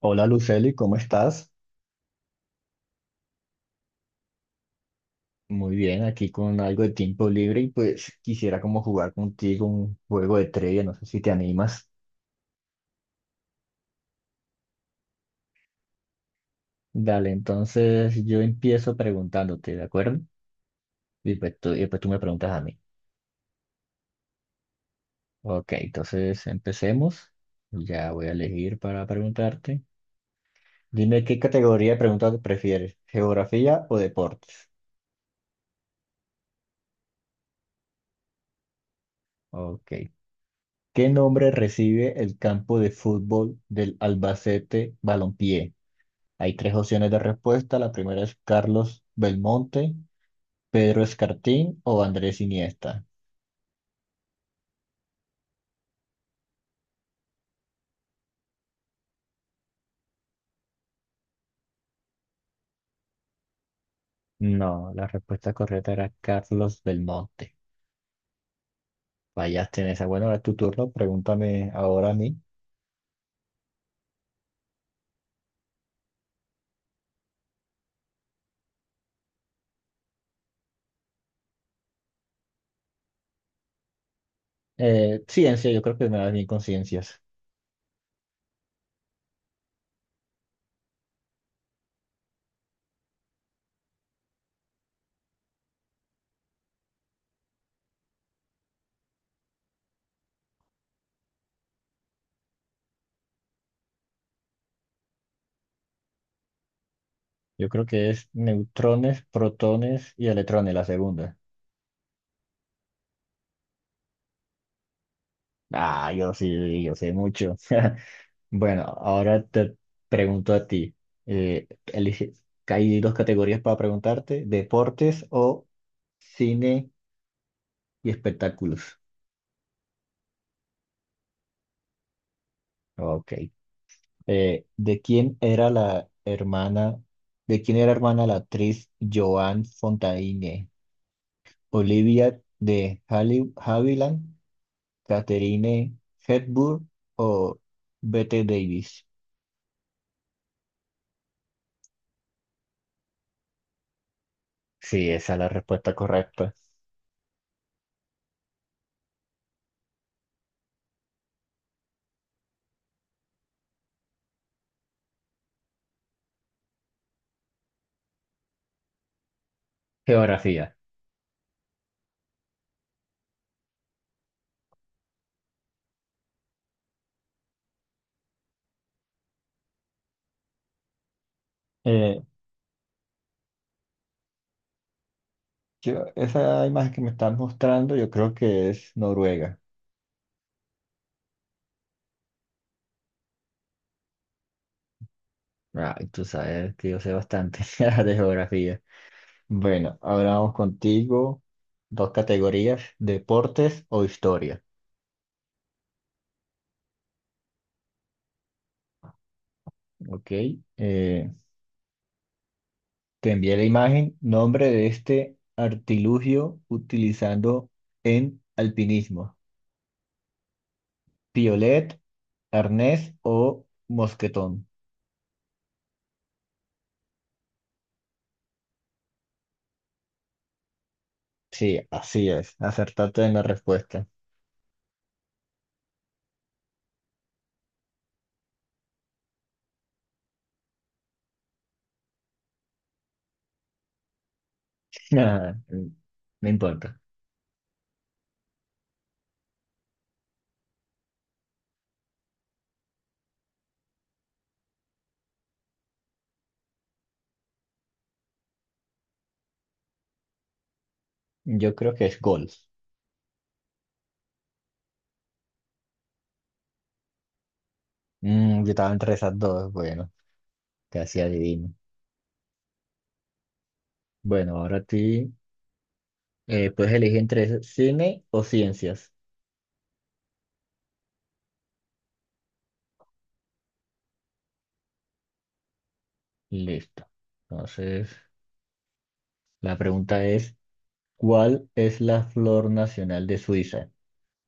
Hola Luceli, ¿cómo estás? Muy bien, aquí con algo de tiempo libre y pues quisiera como jugar contigo un juego de trivia, no sé si te animas. Dale, entonces yo empiezo preguntándote, ¿de acuerdo? Y pues tú, y después tú me preguntas a mí. Ok, entonces empecemos. Ya voy a elegir para preguntarte. Dime qué categoría de preguntas prefieres, ¿geografía o deportes? Ok. ¿Qué nombre recibe el campo de fútbol del Albacete Balompié? Hay tres opciones de respuesta. La primera es Carlos Belmonte, Pedro Escartín o Andrés Iniesta. No, la respuesta correcta era Carlos Belmonte. Fallaste en esa. Bueno, ahora es tu turno. Pregúntame ahora a mí. Ciencia, yo creo que me das bien con ciencias. Yo creo que es neutrones, protones y electrones, la segunda. Ah, yo sí, yo sé mucho. Bueno, ahora te pregunto a ti. Eh, elige- Hay dos categorías para preguntarte, deportes o cine y espectáculos. Ok. ¿De quién era la hermana, de quién era hermana la actriz Joan Fontaine? ¿Olivia de Havilland, Catherine Hepburn o Bette Davis? Sí, esa es la respuesta correcta. Geografía. Eh, Esa imagen que me estás mostrando, yo creo que es Noruega. Ah, tú sabes que yo sé bastante de geografía. Bueno, ahora vamos contigo. Dos categorías, deportes o historia. Ok. Eh, Te envié la imagen, nombre de este artilugio utilizando en alpinismo. Piolet, arnés o mosquetón. Sí, así es. Acertaste en la respuesta. Nada, no importa. Yo creo que es golf. Yo estaba entre esas dos. Bueno, casi adivino. Bueno, ahora a ti. Puedes elegir entre cine o ciencias. Listo. Entonces, la pregunta es, ¿cuál es la flor nacional de Suiza?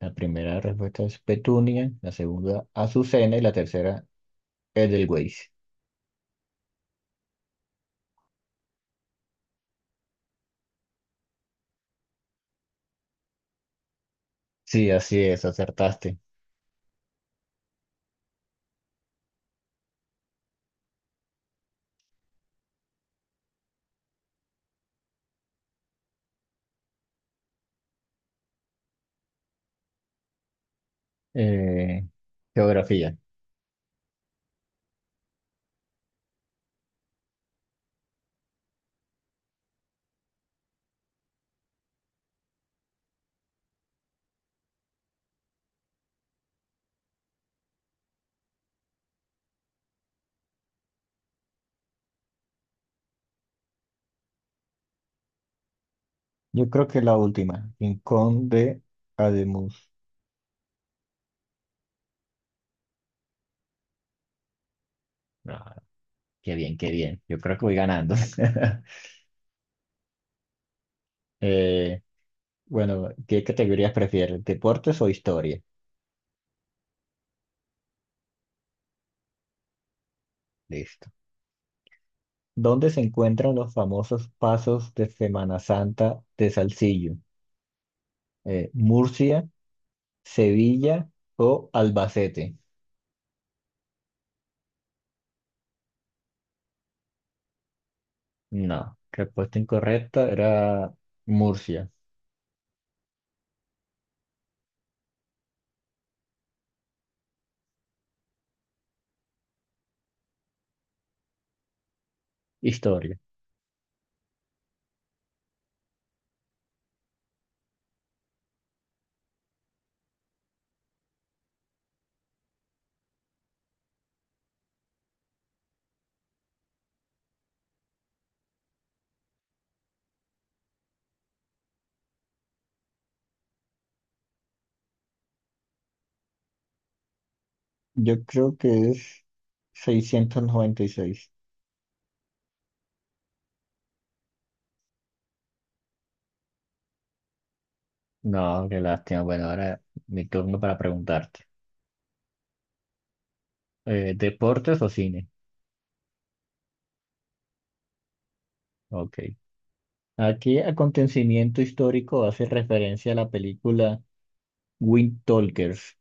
La primera respuesta es petunia, la segunda azucena y la tercera Edelweiss. Sí, así es, acertaste. Eh, Geografía. Yo creo que la última, Rincón de Ademus. Ah, qué bien, qué bien. Yo creo que voy ganando. Eh, bueno, ¿qué categorías prefieres? ¿Deportes o historia? Listo. ¿Dónde se encuentran los famosos pasos de Semana Santa de Salsillo? ¿Murcia, Sevilla o Albacete? No, respuesta incorrecta era Murcia. Historia. Yo creo que es 696. No, qué lástima. Bueno, ahora mi turno para preguntarte. ¿Deportes o cine? Ok. ¿A qué acontecimiento histórico hace referencia la película Wind Talkers?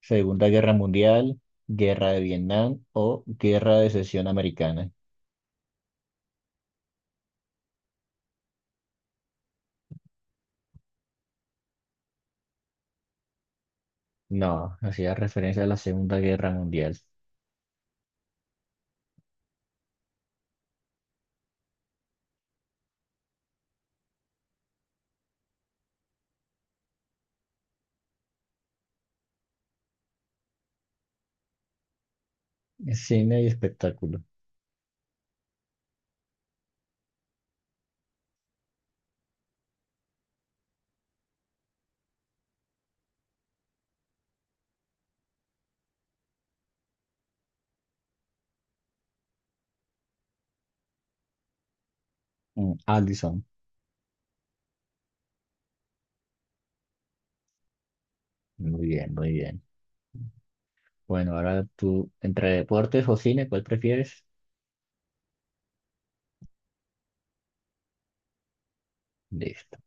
Segunda Guerra Mundial, Guerra de Vietnam o Guerra de Secesión Americana. No, hacía referencia a la Segunda Guerra Mundial. Cine y espectáculo. Allison. Muy bien, muy bien. Bueno, ahora tú, entre deportes o cine, ¿cuál prefieres? Listo.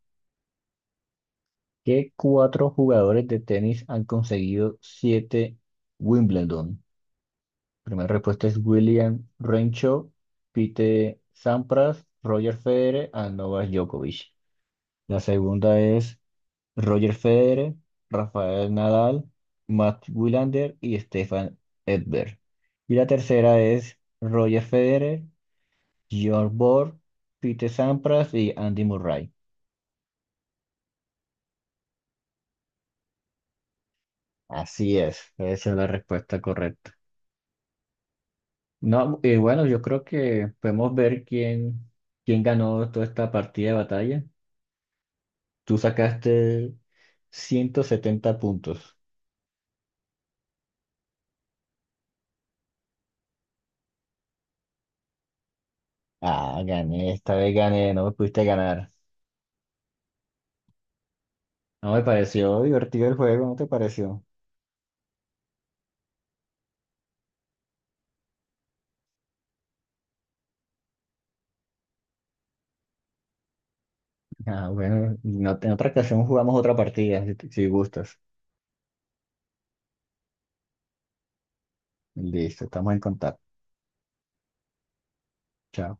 ¿Qué cuatro jugadores de tenis han conseguido siete Wimbledon? Primera respuesta es William Renshaw, Pete Sampras, Roger Federer y Novak Djokovic. La segunda es Roger Federer, Rafael Nadal, Matt Wilander y Stefan Edberg. Y la tercera es Roger Federer, Bjorn Borg, Pete Sampras y Andy Murray. Así es, esa es la respuesta correcta. No, y bueno, yo creo que podemos ver quién ganó toda esta partida de batalla. Tú sacaste 170 puntos. Ah, gané, esta vez gané, no me pudiste ganar. No me pareció divertido el juego, ¿no te pareció? Ah, bueno, en otra ocasión jugamos otra partida, si gustas. Listo, estamos en contacto. Chao.